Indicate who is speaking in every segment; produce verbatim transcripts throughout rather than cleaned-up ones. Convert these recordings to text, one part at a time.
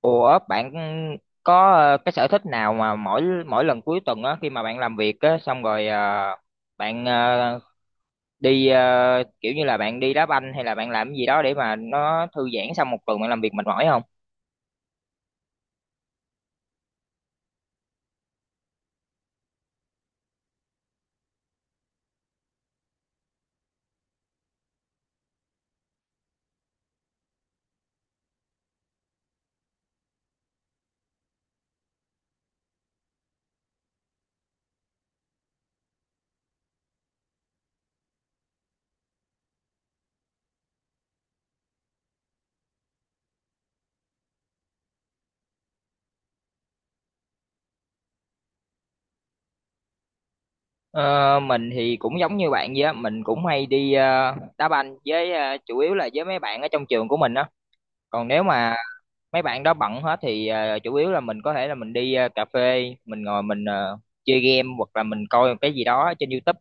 Speaker 1: Ủa bạn có ờ, cái sở thích nào mà mỗi mỗi lần cuối tuần á khi mà bạn làm việc á xong rồi ờ, bạn ờ, đi ờ, kiểu như là bạn đi đá banh hay là bạn làm cái gì đó để mà nó thư giãn sau một tuần bạn làm việc mệt mỏi không? Ờ, mình thì cũng giống như bạn vậy á, mình cũng hay đi ờ, đá banh với ờ, chủ yếu là với mấy bạn ở trong trường của mình á. Còn nếu mà mấy bạn đó bận hết thì ờ, chủ yếu là mình có thể là mình đi ờ, cà phê, mình ngồi mình ờ, chơi game hoặc là mình coi cái gì đó trên YouTube,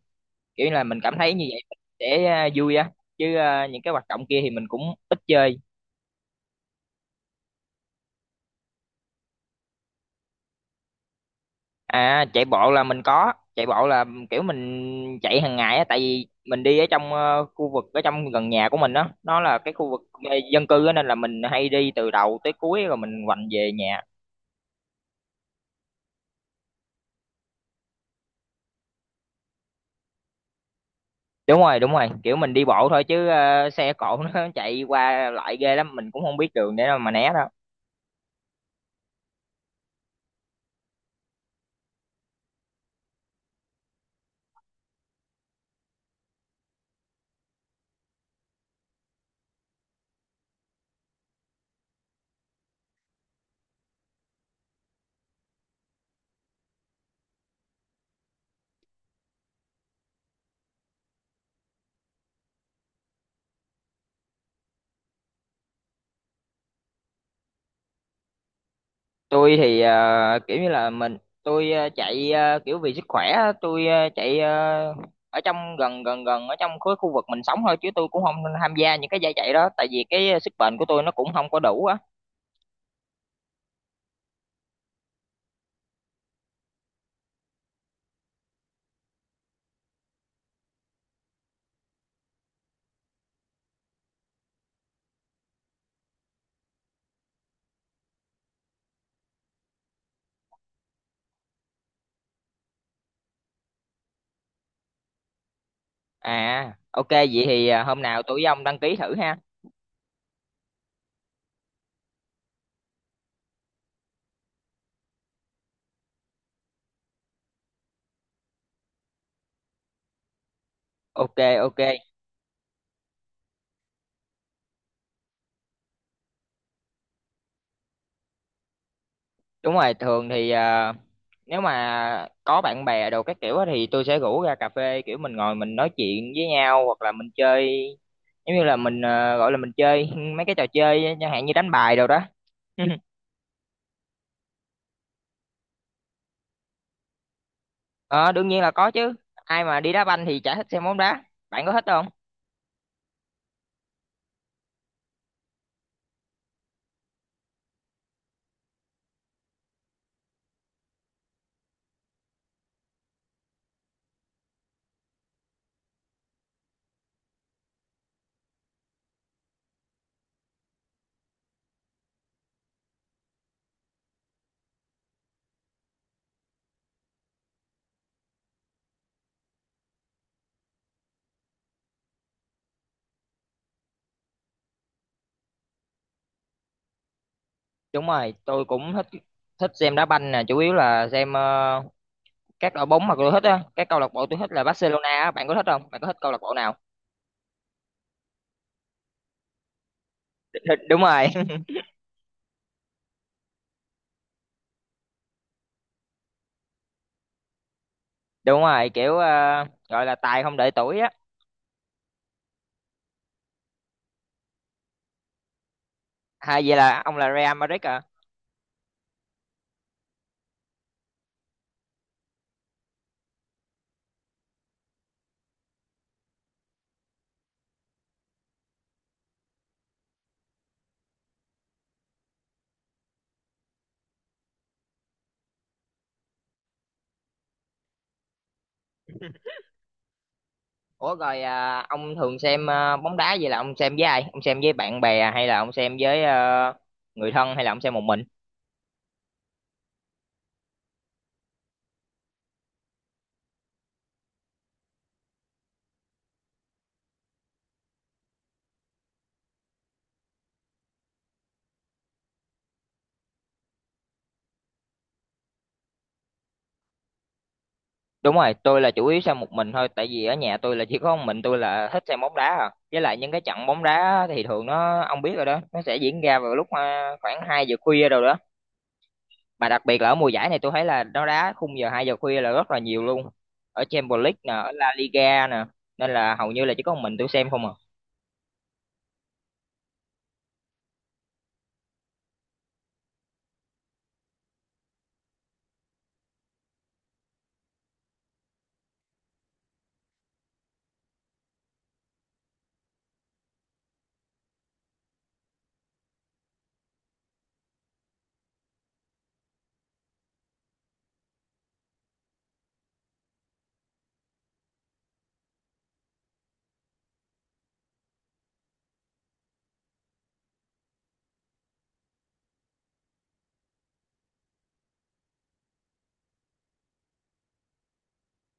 Speaker 1: kiểu là mình cảm thấy như vậy mình sẽ à, vui á chứ à, những cái hoạt động kia thì mình cũng ít chơi. À, chạy bộ là mình có chạy bộ, là kiểu mình chạy hàng ngày á, tại vì mình đi ở trong ờ, khu vực ở trong gần nhà của mình đó, nó là cái khu vực ờ, dân cư á, nên là mình hay đi từ đầu tới cuối rồi mình quành về nhà. Đúng rồi, đúng rồi, kiểu mình đi bộ thôi chứ ờ, xe cộ nó chạy qua lại ghê lắm, mình cũng không biết đường để mà né đâu. Tôi thì ờ, kiểu như là mình tôi ờ, chạy ờ, kiểu vì sức khỏe á, tôi ờ, chạy ờ, ở trong gần gần gần ở trong khối khu vực mình sống thôi, chứ tôi cũng không tham gia những cái giải chạy đó, tại vì cái ờ, sức bền của tôi nó cũng không có đủ á. À, ok, vậy thì ờ, hôm nào tôi với ông đăng ký thử ha. Ok, ok. Đúng rồi, thường thì à, nếu mà có bạn bè đồ các kiểu á thì tôi sẽ rủ ra cà phê, kiểu mình ngồi mình nói chuyện với nhau, hoặc là mình chơi, giống như là mình à, gọi là mình chơi mấy cái trò chơi chẳng hạn như đánh bài đồ đó. Ờ, đương nhiên là có chứ, ai mà đi đá banh thì chả thích xem bóng đá. Bạn có thích không? Đúng rồi, tôi cũng thích, thích xem đá banh nè, chủ yếu là xem ờ, các đội bóng mà tôi thích á, cái câu lạc bộ tôi thích là Barcelona á. Bạn có thích không, bạn có thích câu lạc bộ nào? Đúng rồi, đúng rồi, kiểu ờ, gọi là tài không đợi tuổi á. Hay vậy, là ông là Real Madrid à? Ủa rồi, ờ, ông thường xem ờ, bóng đá, vậy là ông xem với ai, ông xem với bạn bè à, hay là ông xem với ờ, người thân, hay là ông xem một mình? Đúng rồi, tôi là chủ yếu xem một mình thôi, tại vì ở nhà tôi là chỉ có một mình tôi là thích xem bóng đá à. Với lại những cái trận bóng đá thì thường nó, ông biết rồi đó, nó sẽ diễn ra vào lúc ờ, khoảng hai giờ khuya rồi đó. Mà đặc biệt là ở mùa giải này tôi thấy là nó đá khung giờ hai giờ khuya là rất là nhiều luôn, ở Champions League nè, ở La Liga nè, nên là hầu như là chỉ có một mình tôi xem không à.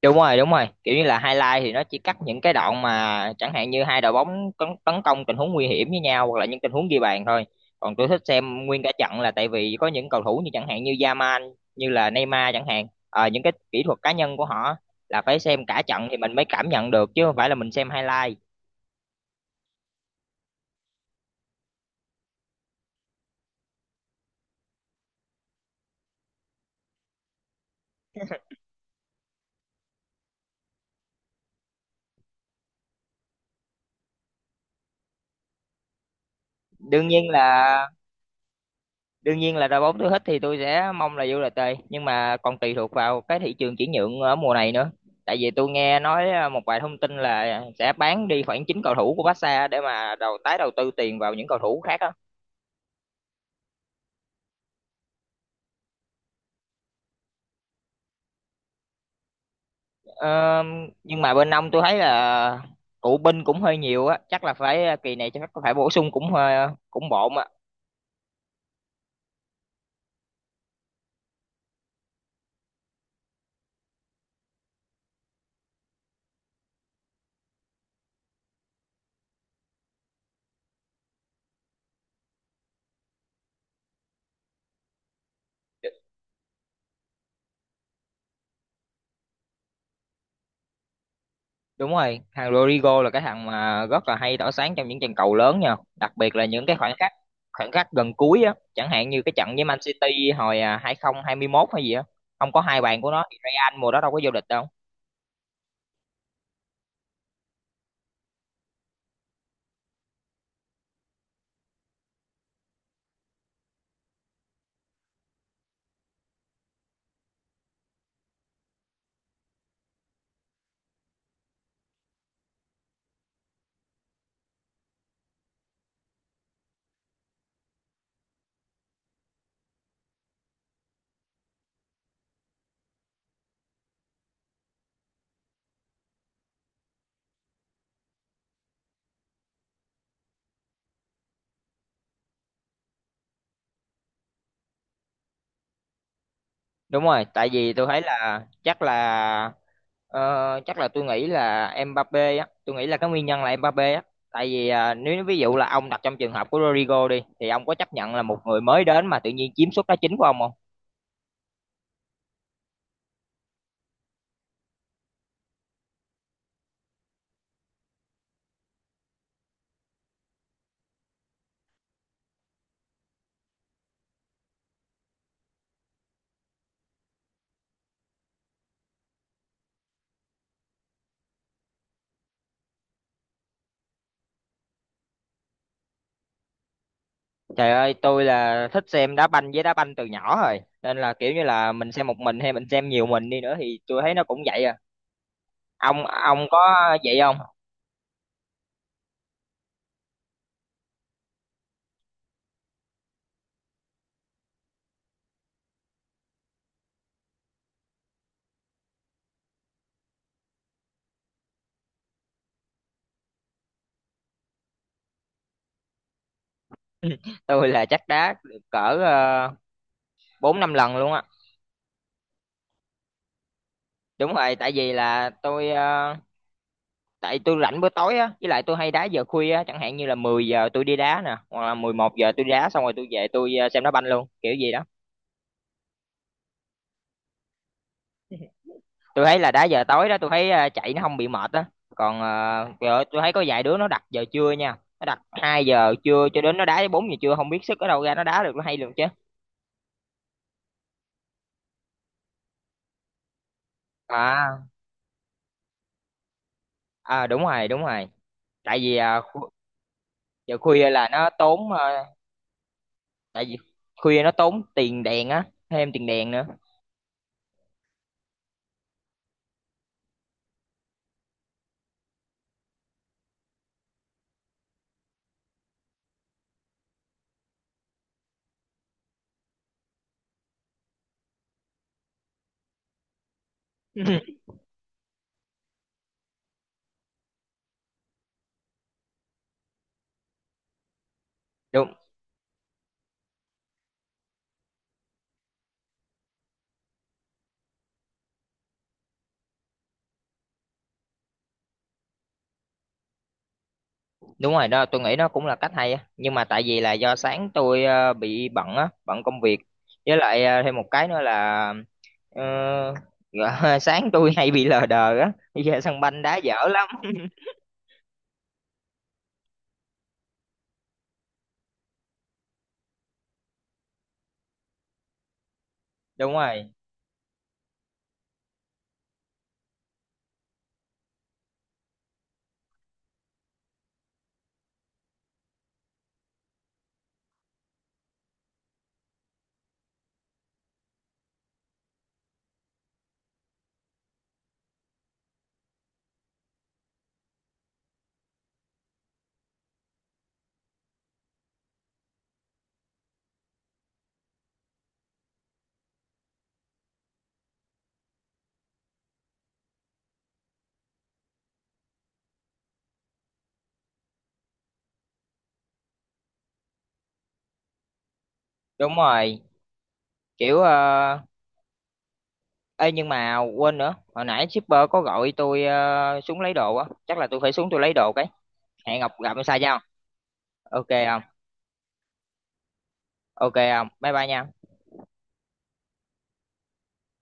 Speaker 1: Đúng rồi, đúng rồi, kiểu như là highlight thì nó chỉ cắt những cái đoạn mà chẳng hạn như hai đội bóng tấn, tấn công tình huống nguy hiểm với nhau, hoặc là những tình huống ghi bàn thôi. Còn tôi thích xem nguyên cả trận, là tại vì có những cầu thủ như chẳng hạn như Yamal, như là Neymar chẳng hạn. Ờ, những cái kỹ thuật cá nhân của họ là phải xem cả trận thì mình mới cảm nhận được, chứ không phải là mình xem highlight. đương nhiên là đương nhiên là đội bóng tôi thích thì tôi sẽ mong là vô đê tê, nhưng mà còn tùy thuộc vào cái thị trường chuyển nhượng ở mùa này nữa. Tại vì tôi nghe nói à, một vài thông tin là sẽ bán đi khoảng chín cầu thủ của Barca để mà đầu tái đầu tư tiền vào những cầu thủ khác á. Ờ, nhưng mà bên ông tôi thấy là cựu binh cũng hơi nhiều á, chắc là phải à, kỳ này chắc phải bổ sung cũng hơi cũng bộn á. Đúng rồi, thằng Rodrigo là cái thằng mà rất là hay tỏa sáng trong những trận cầu lớn nha, đặc biệt là những cái khoảnh khắc khoảnh khắc gần cuối á, chẳng hạn như cái trận với Man City hồi à, hai không hai một hay gì á, không có hai bàn của nó thì Real mùa đó đâu có vô địch đâu. Đúng rồi, tại vì tôi thấy là chắc là ờ, chắc là tôi nghĩ là Mbappé á, tôi nghĩ là cái nguyên nhân là Mbappé á, tại vì à, nếu ví dụ là ông đặt trong trường hợp của Rodrigo đi thì ông có chấp nhận là một người mới đến mà tự nhiên chiếm suất đá chính của ông không? Trời ơi, tôi là thích xem đá banh, với đá banh từ nhỏ rồi. Nên là kiểu như là mình xem một mình hay mình xem nhiều mình đi nữa thì tôi thấy nó cũng vậy à. Ông ông có vậy không? Tôi là chắc đá được cỡ uh, bốn năm lần luôn á. Đúng rồi, tại vì là tôi ờ, tại tôi rảnh bữa tối á, với lại tôi hay đá giờ khuya á, chẳng hạn như là mười giờ tôi đi đá nè, hoặc là mười một giờ tôi đi đá xong rồi tôi về tôi ờ, xem đá banh luôn, kiểu gì đó. Tôi thấy là đá giờ tối đó tôi thấy ờ, chạy nó không bị mệt á. Còn ờ, trời ơi, tôi thấy có vài đứa nó đặt giờ trưa nha, nó đặt hai giờ trưa cho đến nó đá tới bốn giờ trưa, không biết sức ở đâu ra nó đá được, nó hay luôn chứ. À, à đúng rồi, đúng rồi, tại vì à, khu- giờ khuya là nó tốn ờ, tại vì khuya nó tốn tiền đèn á, thêm tiền đèn nữa. Đúng, đúng rồi đó, tôi nghĩ nó cũng là cách hay á, nhưng mà tại vì là do sáng tôi ờ, bị bận á, bận công việc, với lại ờ, thêm một cái nữa là, Ờ, ngờ- sáng tôi hay bị lờ đờ á, bây giờ sân banh đá dở lắm. Đúng rồi, đúng rồi, kiểu uh, ê nhưng mà quên nữa, hồi nãy shipper có gọi tôi ờ, xuống lấy đồ á, chắc là tôi phải xuống tôi lấy đồ cái, hẹn gặp gặp sao không? Ok không? Ok không, bye bye nha.